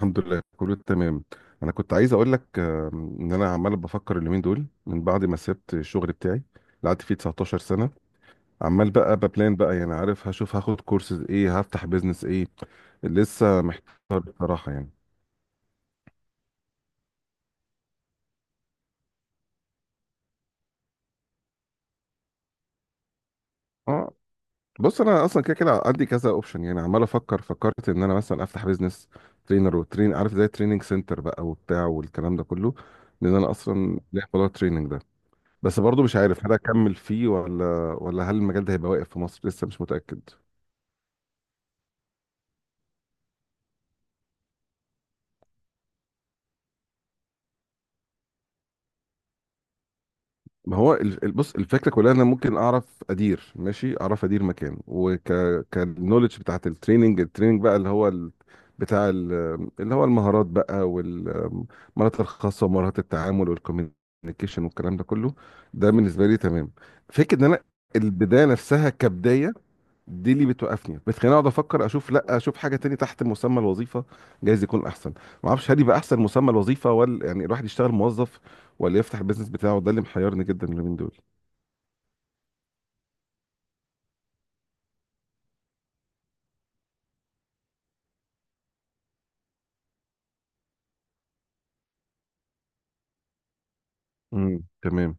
الحمد لله كله تمام. انا كنت عايز اقول لك ان انا عمال بفكر اليومين دول من بعد ما سبت الشغل بتاعي اللي قعدت فيه 19 سنه. عمال بقى ببلان بقى، يعني عارف، هشوف هاخد كورسز ايه، هفتح بيزنس ايه. لسه محتار بصراحه يعني. اه، بص، انا اصلا كده كده عندي كذا اوبشن، يعني عمال افكر، فكرت ان انا مثلا افتح بيزنس ترينر وترين، عارف، زي تريننج سنتر بقى وبتاع والكلام ده كله. لان انا اصلا ليا موضوع التريننج ده. بس برضو مش عارف هل اكمل فيه ولا، هل المجال ده هيبقى واقف في مصر، لسه مش متأكد. ما هو بص، الفكره كلها إن انا ممكن اعرف ادير، ماشي، اعرف ادير مكان كالنولج بتاعت التريننج، بقى، اللي هو بتاع اللي هو المهارات بقى، والمهارات الخاصه، ومهارات التعامل والكوميونيكيشن والكلام ده كله. ده بالنسبه لي تمام. فكره ان انا البدايه نفسها كبدايه، دي اللي بتوقفني، بتخليني اقعد افكر، اشوف، لا، اشوف حاجه تاني تحت مسمى الوظيفه، جايز يكون احسن. ما اعرفش هل يبقى احسن مسمى الوظيفه، ولا يعني الواحد يشتغل موظف، ولا يفتح البيزنس بتاعه، ده اللي محيرني جدا اليومين دول. تمام.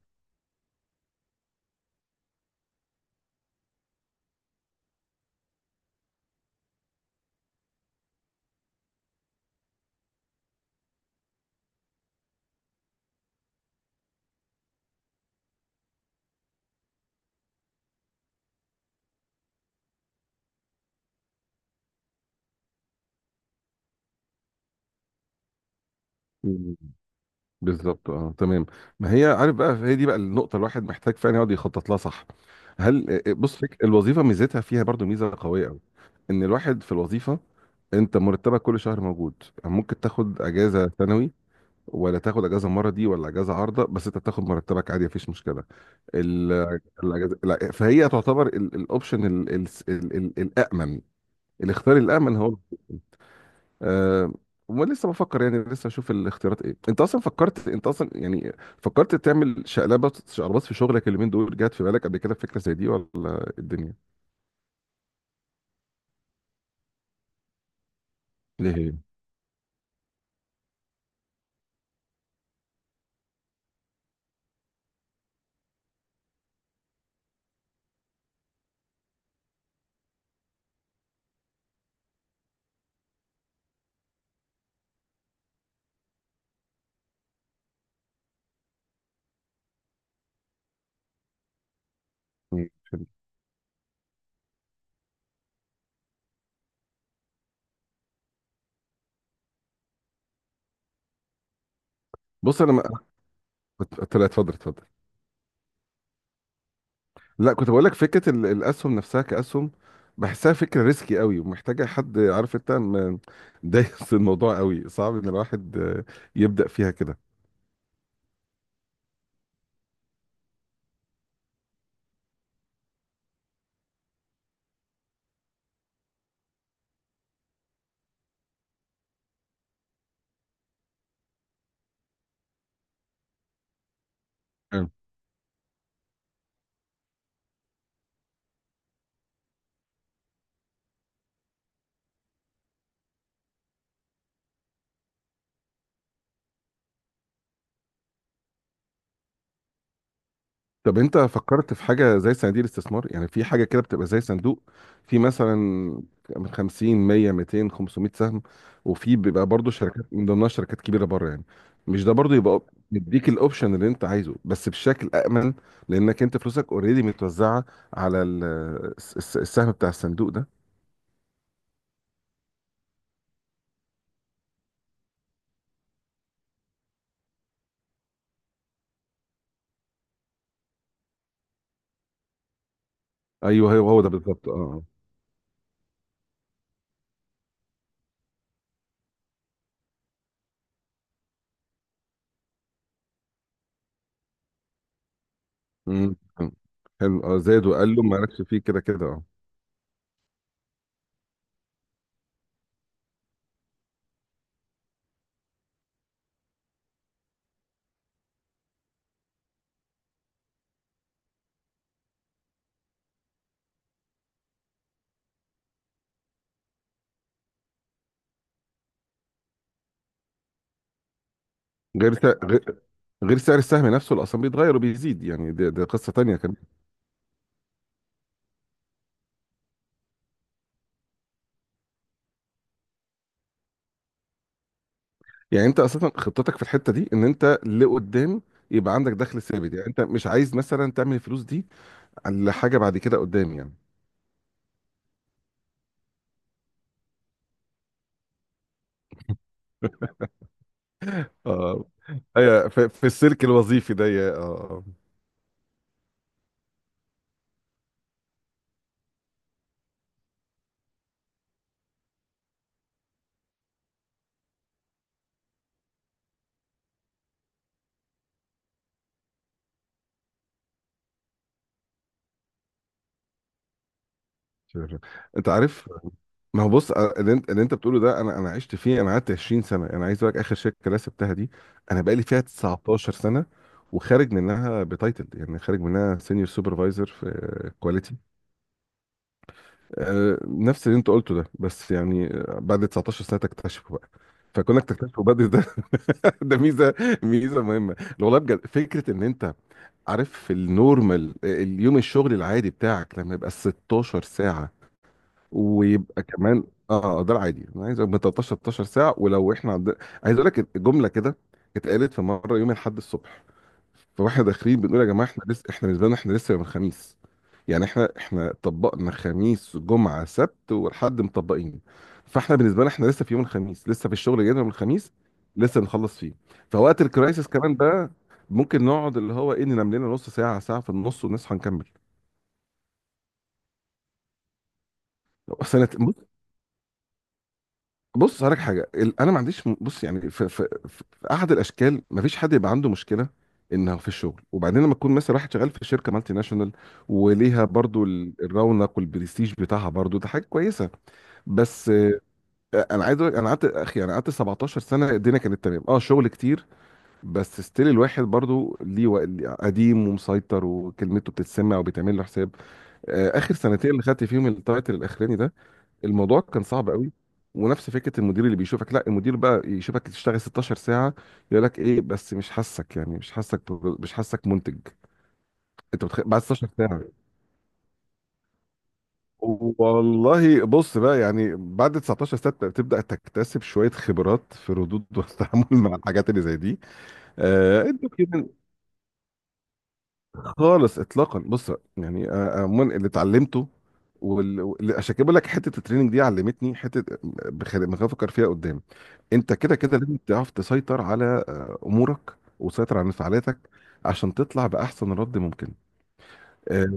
مم. بالظبط، اه، تمام. ما هي، عارف، بقى هي دي بقى النقطه، الواحد محتاج فعلا يقعد يخطط لها، صح. هل آه، آه، بص، فك الوظيفه ميزتها فيها برضو ميزه قويه قوي. ان الواحد في الوظيفه، انت مرتبك كل شهر موجود. يعني ممكن تاخد اجازه سنوي، ولا تاخد اجازه المره دي، ولا اجازه عارضه، بس انت تاخد مرتبك عادي مفيش مشكله. ال- الاجازه، لا، فهي تعتبر الاوبشن الامن، الاختيار الامن هو آه ولسه بفكر، يعني لسه اشوف الاختيارات ايه. انت اصلا فكرت، انت اصلا يعني فكرت تعمل شقلبات شقلبات في شغلك اليومين دول، جات في بالك قبل كده فكره زي دي؟ ولا إيه الدنيا؟ ليه هي؟ مم. بص انا ما... اتفضل، اتفضل. لا، كنت بقول لك فكره الاسهم نفسها كاسهم، بحسها فكره ريسكي قوي ومحتاجه حد عارف. انت دايس الموضوع قوي، صعب ان الواحد يبدا فيها كده. طب انت فكرت في حاجه زي صناديق الاستثمار؟ يعني في حاجه كده بتبقى زي صندوق، في مثلا من 50 100 200 500 سهم، وفي بيبقى برضو شركات من ضمنها شركات كبيره بره يعني. مش ده برضو يبقى مديك الاوبشن اللي انت عايزه بس بشكل امن؟ لانك انت فلوسك اوريدي متوزعه على السهم بتاع الصندوق ده. ايوه، هو ده بالظبط، اه اه. مم. حلو، اه، زاد وقال له مالكش فيه، كده كده اه. غير سعر غير غير سعر السهم نفسه اللي اصلا بيتغير وبيزيد، يعني ده قصه تانيه. يعني انت اساسا خطتك في الحته دي ان انت لقدام يبقى عندك دخل ثابت، يعني انت مش عايز مثلا تعمل الفلوس دي على حاجه بعد كده قدام يعني. اه ايوه، في السلك الوظيفي ده. شوف. انت عارف. ما هو بص، اللي انت بتقوله ده، انا عشت فيه، انا قعدت 20 سنه. انا عايز اقول لك اخر شركه اللي أنا سبتها دي، انا بقالي فيها 19 سنه، وخارج منها بتايتل، يعني خارج منها سينيور سوبرفايزر في كواليتي. نفس اللي انت قلته ده، بس يعني بعد 19 سنه تكتشفه بقى. فكونك تكتشفه بدري ده، ده ميزه، ميزه مهمه، لو والله بجد، فكره ان انت عارف في النورمال، اليوم الشغل العادي بتاعك لما يبقى 16 ساعه، ويبقى كمان ده العادي. انا عايز من 13 16 ساعه، ولو احنا عايز اقول لك جمله كده، اتقالت في مره يوم الاحد الصبح، فواحنا داخلين بنقول يا جماعه، احنا لسه احنا بالنسبه لنا احنا لسه يوم الخميس. يعني احنا طبقنا خميس جمعه سبت والحد مطبقين، فاحنا بالنسبه لنا احنا لسه في يوم الخميس، لسه في الشغل جاينا يوم الخميس، لسه نخلص فيه. فوقت الكرايسيس كمان ده، ممكن نقعد اللي هو ايه، ننام لنا نص ساعه ساعه في النص ونصحى نكمل. سنة. بص هقولك حاجه، انا ما عنديش بص يعني، في, في, في احد الاشكال ما فيش حد يبقى عنده مشكله انه في الشغل. وبعدين لما تكون مثلا واحد شغال في شركه مالتي ناشونال، وليها برضو الرونق والبرستيج بتاعها برضو، ده حاجه كويسه. بس انا عايز أقولك، انا قعدت، اخي، انا قعدت 17 سنه، الدنيا كانت تمام، اه، شغل كتير، بس ستيل الواحد برضو ليه ليه قديم ومسيطر وكلمته بتتسمع وبيتعمل له حساب. اخر سنتين اللي خدت فيهم التايتل الاخراني ده، الموضوع كان صعب قوي. ونفس فكره المدير اللي بيشوفك، لا، المدير بقى يشوفك تشتغل 16 ساعه يقول لك ايه؟ بس مش حاسك، يعني مش حاسك، مش حاسك منتج. انت بعد 16 ساعه، والله بص، بقى يعني بعد 19 سنه تبدا تكتسب شويه خبرات في الردود والتعامل مع الحاجات اللي زي دي. آه، الدوكيومنت، خالص اطلاقا، بص، يعني عموما اللي اتعلمته، عشان كده بقول لك، حته التريننج دي علمتني حته، بخاف افكر فيها قدام. انت كده كده لازم تعرف تسيطر على امورك، وتسيطر على انفعالاتك عشان تطلع باحسن رد ممكن. آه،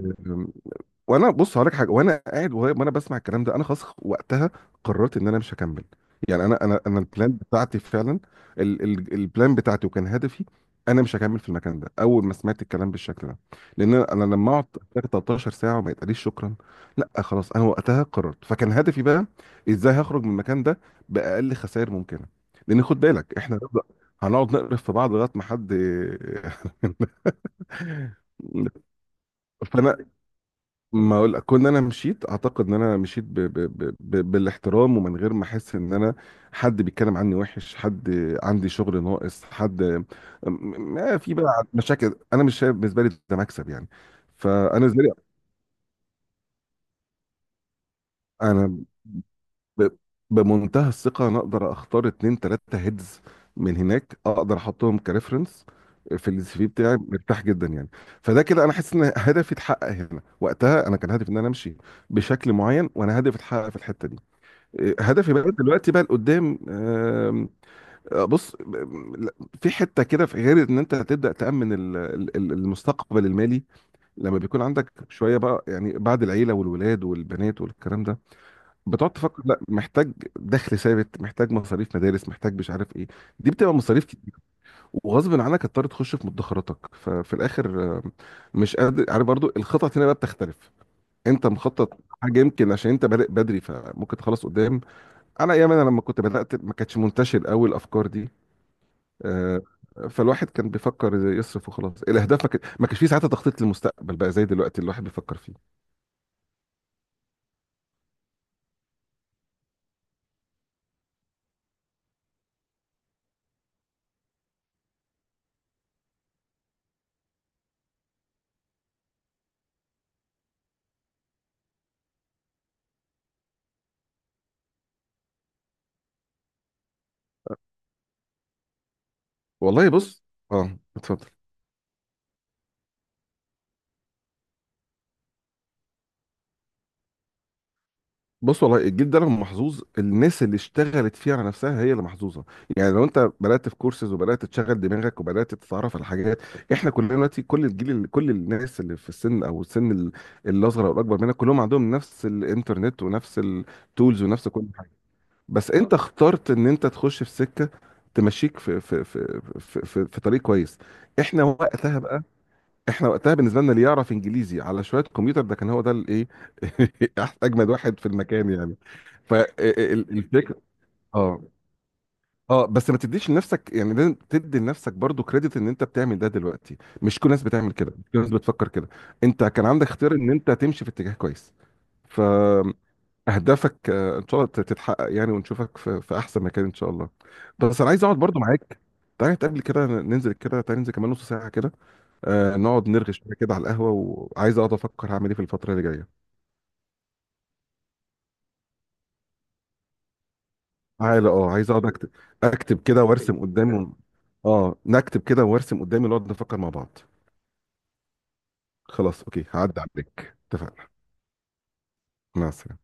وانا بص هقول لك حاجه، وانا قاعد وانا بسمع الكلام ده، انا خلاص وقتها قررت ان انا مش هكمل. يعني انا البلان بتاعتي فعلا، ال البلان بتاعتي وكان هدفي، انا مش هكمل في المكان ده اول ما سمعت الكلام بالشكل ده. لان انا لما اقعد 13 ساعه وما يتقاليش شكرا، لا، خلاص، انا وقتها قررت، فكان هدفي بقى ازاي هخرج من المكان ده باقل خسائر ممكنه. لان خد بالك احنا هنقعد نقرف في بعض لغايه ما حد. فانا، ما اقول، كون انا مشيت، اعتقد ان انا مشيت بالاحترام، ومن غير ما احس ان انا حد بيتكلم عني وحش، حد عندي شغل ناقص، حد ما في بقى مشاكل. انا مش شايف بالنسبه لي ده مكسب يعني. فانا بالنسبه لي انا ب... بمنتهى الثقه، انا اقدر اختار اتنين تلاته هيدز من هناك، اقدر احطهم كريفرنس في السي في بتاعي، مرتاح جدا يعني. فده كده انا حاسس ان هدفي اتحقق هنا، وقتها انا كان هدفي ان انا امشي بشكل معين، وانا هدفي اتحقق في الحته دي. هدفي بقى دلوقتي بقى لقدام، بص، لا، في حته كده، في غير ان انت هتبدا تامن المستقبل المالي لما بيكون عندك شويه بقى، يعني بعد العيله والولاد والبنات والكلام ده، بتقعد تفكر، لا، محتاج دخل ثابت، محتاج مصاريف مدارس، محتاج مش عارف ايه، دي بتبقى مصاريف كتير. وغصب عنك هتضطر تخش في مدخراتك، ففي الاخر مش قادر. عارف برضو الخطط هنا بقى بتختلف. انت مخطط حاجه، يمكن عشان انت بادئ بدري فممكن تخلص قدام. انا ايام انا لما كنت بدات ما كانتش منتشر قوي الافكار دي، آه، فالواحد كان بيفكر يصرف وخلاص، الاهداف ما كانش فيه ساعتها تخطيط للمستقبل بقى زي دلوقتي الواحد بيفكر فيه. والله بص، اه، اتفضل. بص والله الجيل ده لما محظوظ، الناس اللي اشتغلت فيه على نفسها هي اللي محظوظه. يعني لو انت بدات في كورسز، وبدات تشغل دماغك، وبدات تتعرف على حاجات، احنا كلنا دلوقتي، كل الناس اللي في السن، او السن الاصغر او الاكبر منك، كلهم عندهم نفس الانترنت ونفس التولز ونفس كل حاجه. بس انت اخترت ان انت تخش في سكه تمشيك في طريق كويس. احنا وقتها بقى، احنا وقتها بالنسبه لنا، اللي يعرف انجليزي على شويه كمبيوتر ده كان هو ده الايه اجمد واحد في المكان يعني، فالفكره. اه اه، بس ما تديش لنفسك، يعني لازم تدي لنفسك برضو كريدت ان انت بتعمل ده دلوقتي. مش كل الناس بتعمل كده، مش كل الناس بتفكر كده. انت كان عندك اختيار ان انت تمشي في اتجاه كويس. اهدافك ان شاء الله تتحقق يعني، ونشوفك في احسن مكان ان شاء الله. بس انا عايز اقعد برضو معاك، تعالى نتقابل كده، ننزل كده، تعالى ننزل كمان نص ساعه كده، نقعد نرغي شويه كده على القهوه، وعايز اقعد افكر هعمل ايه في الفتره اللي جايه. تعالى، اه، عايز اقعد اكتب، اكتب كده وارسم قدامي، اه، نكتب كده وارسم قدامي، نقعد نفكر مع بعض. خلاص، اوكي، هعدي عليك، اتفقنا. مع السلامه.